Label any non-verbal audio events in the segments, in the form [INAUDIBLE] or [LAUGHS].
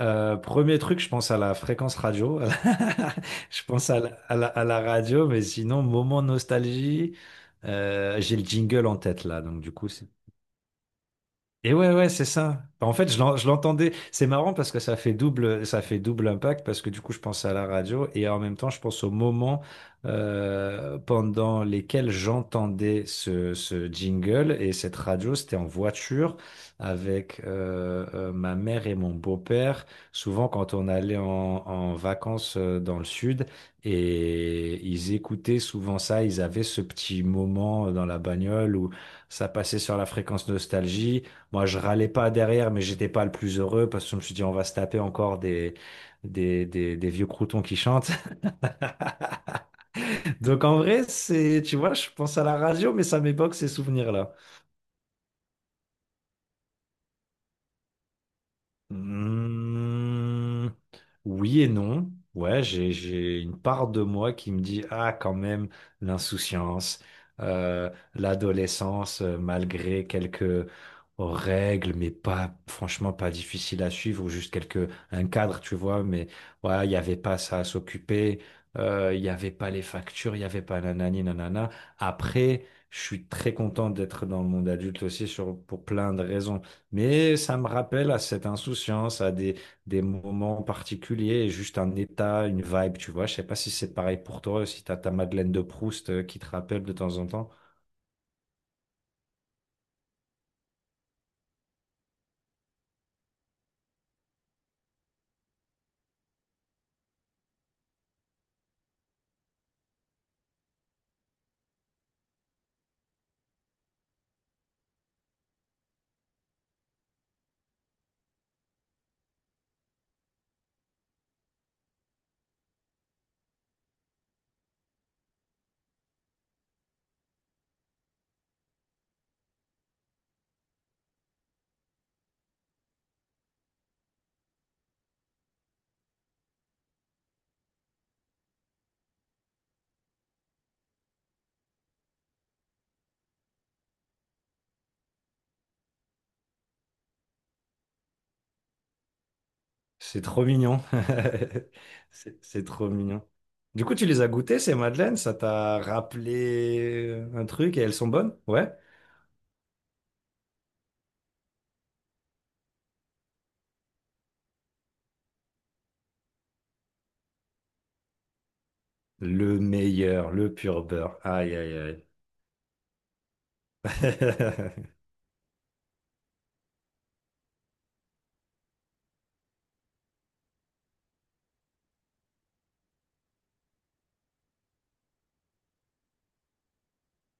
Premier truc, je pense à la fréquence radio. [LAUGHS] Je pense à la, à la radio. Mais sinon, moment nostalgie, j'ai le jingle en tête là, donc du coup, c'est et ouais, ouais, c'est ça. Bah, en fait, je l'entendais. C'est marrant parce que ça fait double impact parce que du coup, je pense à la radio et en même temps, je pense au moment pendant lesquels j'entendais ce jingle et cette radio. C'était en voiture avec ma mère et mon beau-père. Souvent, quand on allait en vacances dans le sud, et ils écoutaient souvent ça, ils avaient ce petit moment dans la bagnole où ça passait sur la fréquence nostalgie. Moi, je râlais pas derrière, mais j'étais pas le plus heureux parce que je me suis dit, on va se taper encore des vieux croutons qui chantent. [LAUGHS] Donc, en vrai, c'est, tu vois, je pense à la radio, mais ça m'évoque ces souvenirs-là. Hmm, oui et non. Ouais, j'ai une part de moi qui me dit, ah, quand même, l'insouciance, l'adolescence, malgré quelques règles, mais pas, franchement, pas difficile à suivre, ou juste quelques, un cadre, tu vois, mais ouais, il n'y avait pas ça à s'occuper, il n'y avait pas les factures, il n'y avait pas nanani, nanana. Après, je suis très content d'être dans le monde adulte aussi sur, pour plein de raisons. Mais ça me rappelle à cette insouciance, à des moments particuliers, juste un état, une vibe, tu vois. Je sais pas si c'est pareil pour toi, si t'as ta Madeleine de Proust qui te rappelle de temps en temps. C'est trop mignon. [LAUGHS] C'est trop mignon. Du coup, tu les as goûtées, ces Madeleines? Ça t'a rappelé un truc, et elles sont bonnes? Ouais. Le meilleur, le pur beurre. Aïe, aïe, aïe. [LAUGHS]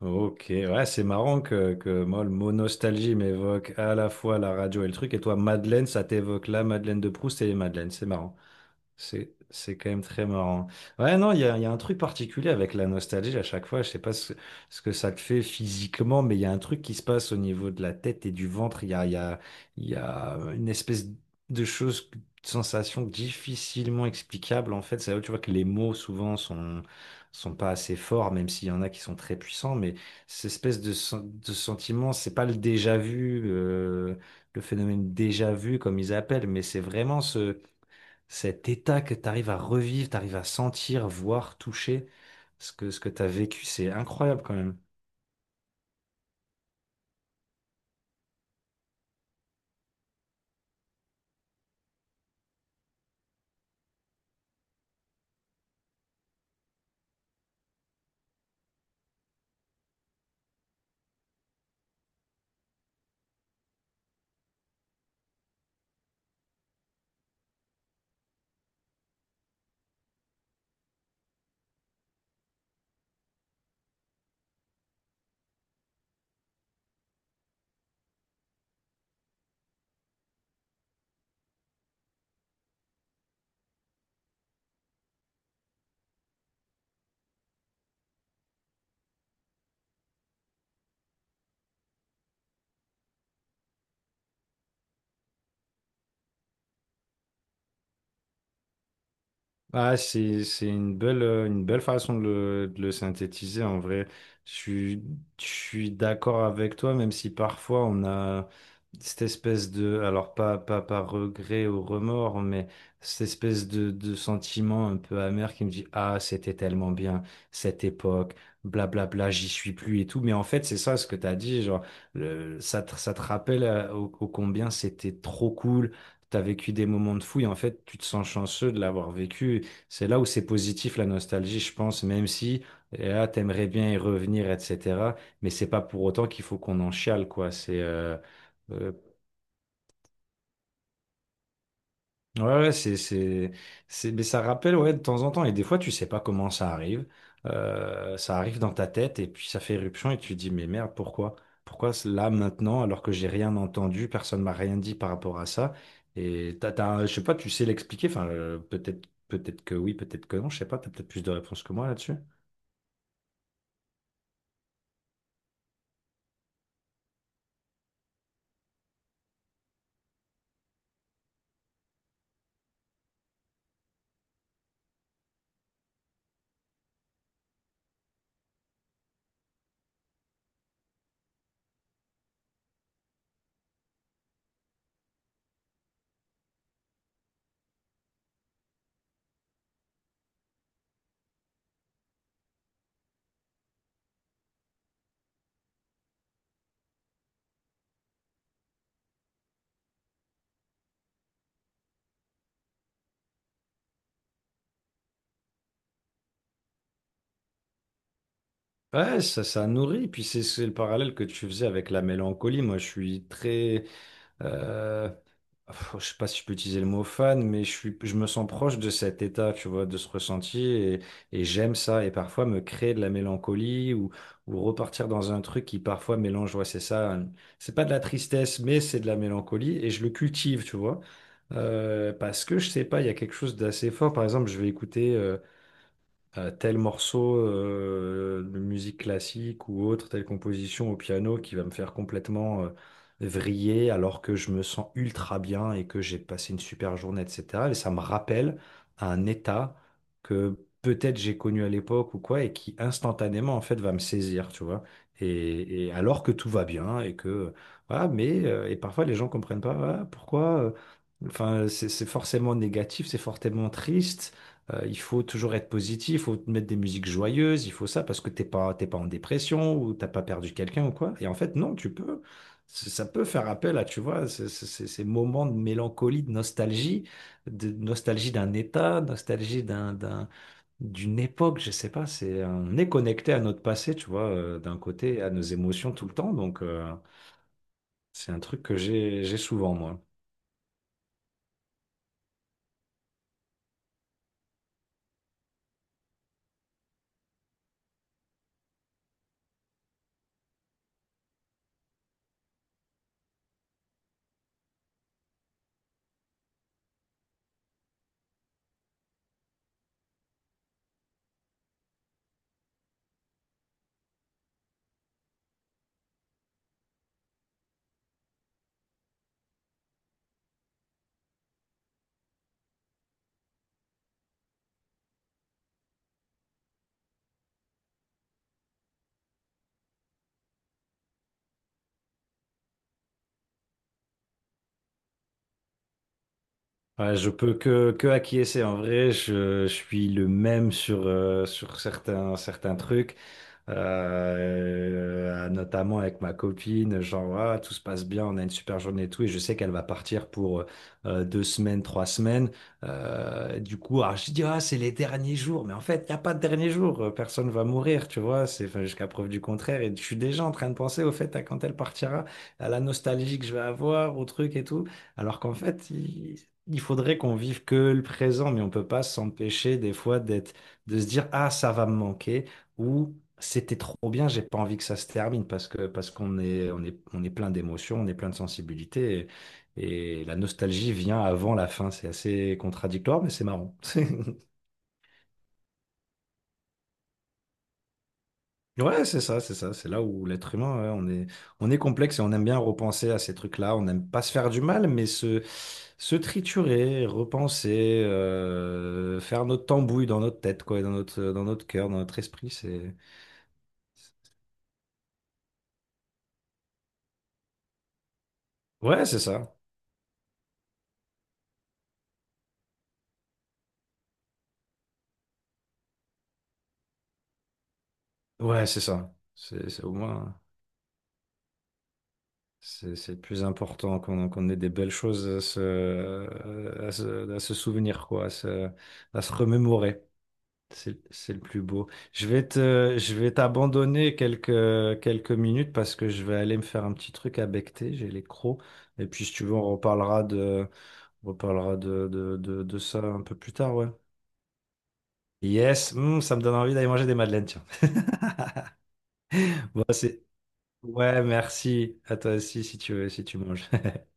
Ok, ouais, c'est marrant que moi, le mot nostalgie m'évoque à la fois la radio et le truc, et toi, Madeleine, ça t'évoque la Madeleine de Proust et les Madeleines, c'est marrant. C'est quand même très marrant. Ouais, non, il y a un truc particulier avec la nostalgie à chaque fois. Je sais pas ce que ça te fait physiquement, mais il y a un truc qui se passe au niveau de la tête et du ventre. Il y a une espèce de chose, de sensation difficilement explicable. En fait, c'est là où tu vois que les mots souvent sont pas assez forts, même s'il y en a qui sont très puissants. Mais cette espèce de sentiment, c'est pas le déjà vu, le phénomène déjà vu comme ils appellent, mais c'est vraiment ce cet état que tu arrives à revivre, tu arrives à sentir, voir, toucher ce que tu as vécu, c'est incroyable quand même. Ah, c'est une belle façon de le synthétiser en vrai. Je suis, je suis d'accord avec toi, même si parfois on a cette espèce de, alors pas, pas par regret ou remords, mais cette espèce de sentiment un peu amer qui me dit, ah, c'était tellement bien, cette époque, blablabla, j'y suis plus et tout. Mais en fait, c'est ça ce que tu as dit, genre, ça te rappelle au au combien c'était trop cool. T'as vécu des moments de fou et en fait, tu te sens chanceux de l'avoir vécu. C'est là où c'est positif la nostalgie, je pense, même si et là t'aimerais bien y revenir, etc. Mais c'est pas pour autant qu'il faut qu'on en chiale, quoi. C'est euh, ouais, ouais, c'est mais ça rappelle ouais de temps en temps, et des fois tu sais pas comment ça arrive. Ça arrive dans ta tête et puis ça fait éruption et tu te dis mais merde pourquoi? Pourquoi c'est là maintenant alors que j'ai rien entendu, personne m'a rien dit par rapport à ça, et je sais pas, tu sais l'expliquer, enfin peut-être que oui, peut-être que non, je sais pas, t'as peut-être plus de réponses que moi là-dessus. Ouais, ça nourrit. Puis c'est le parallèle que tu faisais avec la mélancolie. Moi, je suis très, euh, pff, je sais pas si je peux utiliser le mot fan, mais je suis, je me sens proche de cet état, tu vois, de ce ressenti, et j'aime ça. Et parfois, me créer de la mélancolie ou repartir dans un truc qui parfois mélange, ouais, c'est ça, hein. C'est pas de la tristesse, mais c'est de la mélancolie, et je le cultive, tu vois. Parce que je sais pas, il y a quelque chose d'assez fort. Par exemple, je vais écouter tel morceau de musique classique ou autre, telle composition au piano qui va me faire complètement vriller alors que je me sens ultra bien et que j'ai passé une super journée, etc. Et ça me rappelle un état que peut-être j'ai connu à l'époque ou quoi et qui instantanément en fait va me saisir, tu vois. Et alors que tout va bien et que voilà, mais et parfois les gens comprennent pas ah, pourquoi. Enfin, c'est forcément négatif, c'est forcément triste. Il faut toujours être positif, il faut mettre des musiques joyeuses, il faut ça parce que t'es pas en dépression ou t'as pas perdu quelqu'un ou quoi. Et en fait, non, tu peux. Ça peut faire appel à, tu vois, ces moments de mélancolie, de nostalgie d'un état, nostalgie d'une époque, je sais pas. C'est, on est connecté à notre passé, tu vois, d'un côté, à nos émotions tout le temps. Donc, c'est un truc que j'ai souvent, moi. Ouais, je peux que acquiescer. En vrai, je suis le même sur, sur certains, certains trucs. Notamment avec ma copine. Genre, ah, tout se passe bien, on a une super journée et tout. Et je sais qu'elle va partir pour deux semaines, trois semaines. Du coup, alors, je dis, ah, c'est les derniers jours. Mais en fait, il n'y a pas de dernier jour. Personne va mourir, tu vois. C'est enfin, jusqu'à preuve du contraire. Et je suis déjà en train de penser au fait à quand elle partira, à la nostalgie que je vais avoir, au truc et tout. Alors qu'en fait, il faudrait qu'on vive que le présent, mais on peut pas s'empêcher des fois d'être, de se dire, ah, ça va me manquer, ou c'était trop bien, j'ai pas envie que ça se termine, parce que, parce qu'on est plein d'émotions, on est plein de sensibilité, et la nostalgie vient avant la fin. C'est assez contradictoire, mais c'est marrant. [LAUGHS] Ouais, c'est ça, c'est ça. C'est là où l'être humain, ouais, on est complexe et on aime bien repenser à ces trucs-là. On n'aime pas se faire du mal, mais se triturer, repenser, faire notre tambouille dans notre tête, quoi, et dans notre cœur, dans notre esprit. C'est, ouais, c'est ça. Ouais, c'est ça. C'est au moins, c'est le plus important qu'on, qu'on ait des belles choses à à se souvenir, quoi, à se remémorer. C'est le plus beau. Je vais te, je vais t'abandonner quelques minutes parce que je vais aller me faire un petit truc à becqueter, j'ai les crocs. Et puis si tu veux, on reparlera de, on reparlera de ça un peu plus tard, ouais. Yes, hmm, ça me donne envie d'aller manger des madeleines, tiens. [LAUGHS] Bon, c'est... Ouais, merci. À toi aussi si tu veux, si tu manges. [LAUGHS]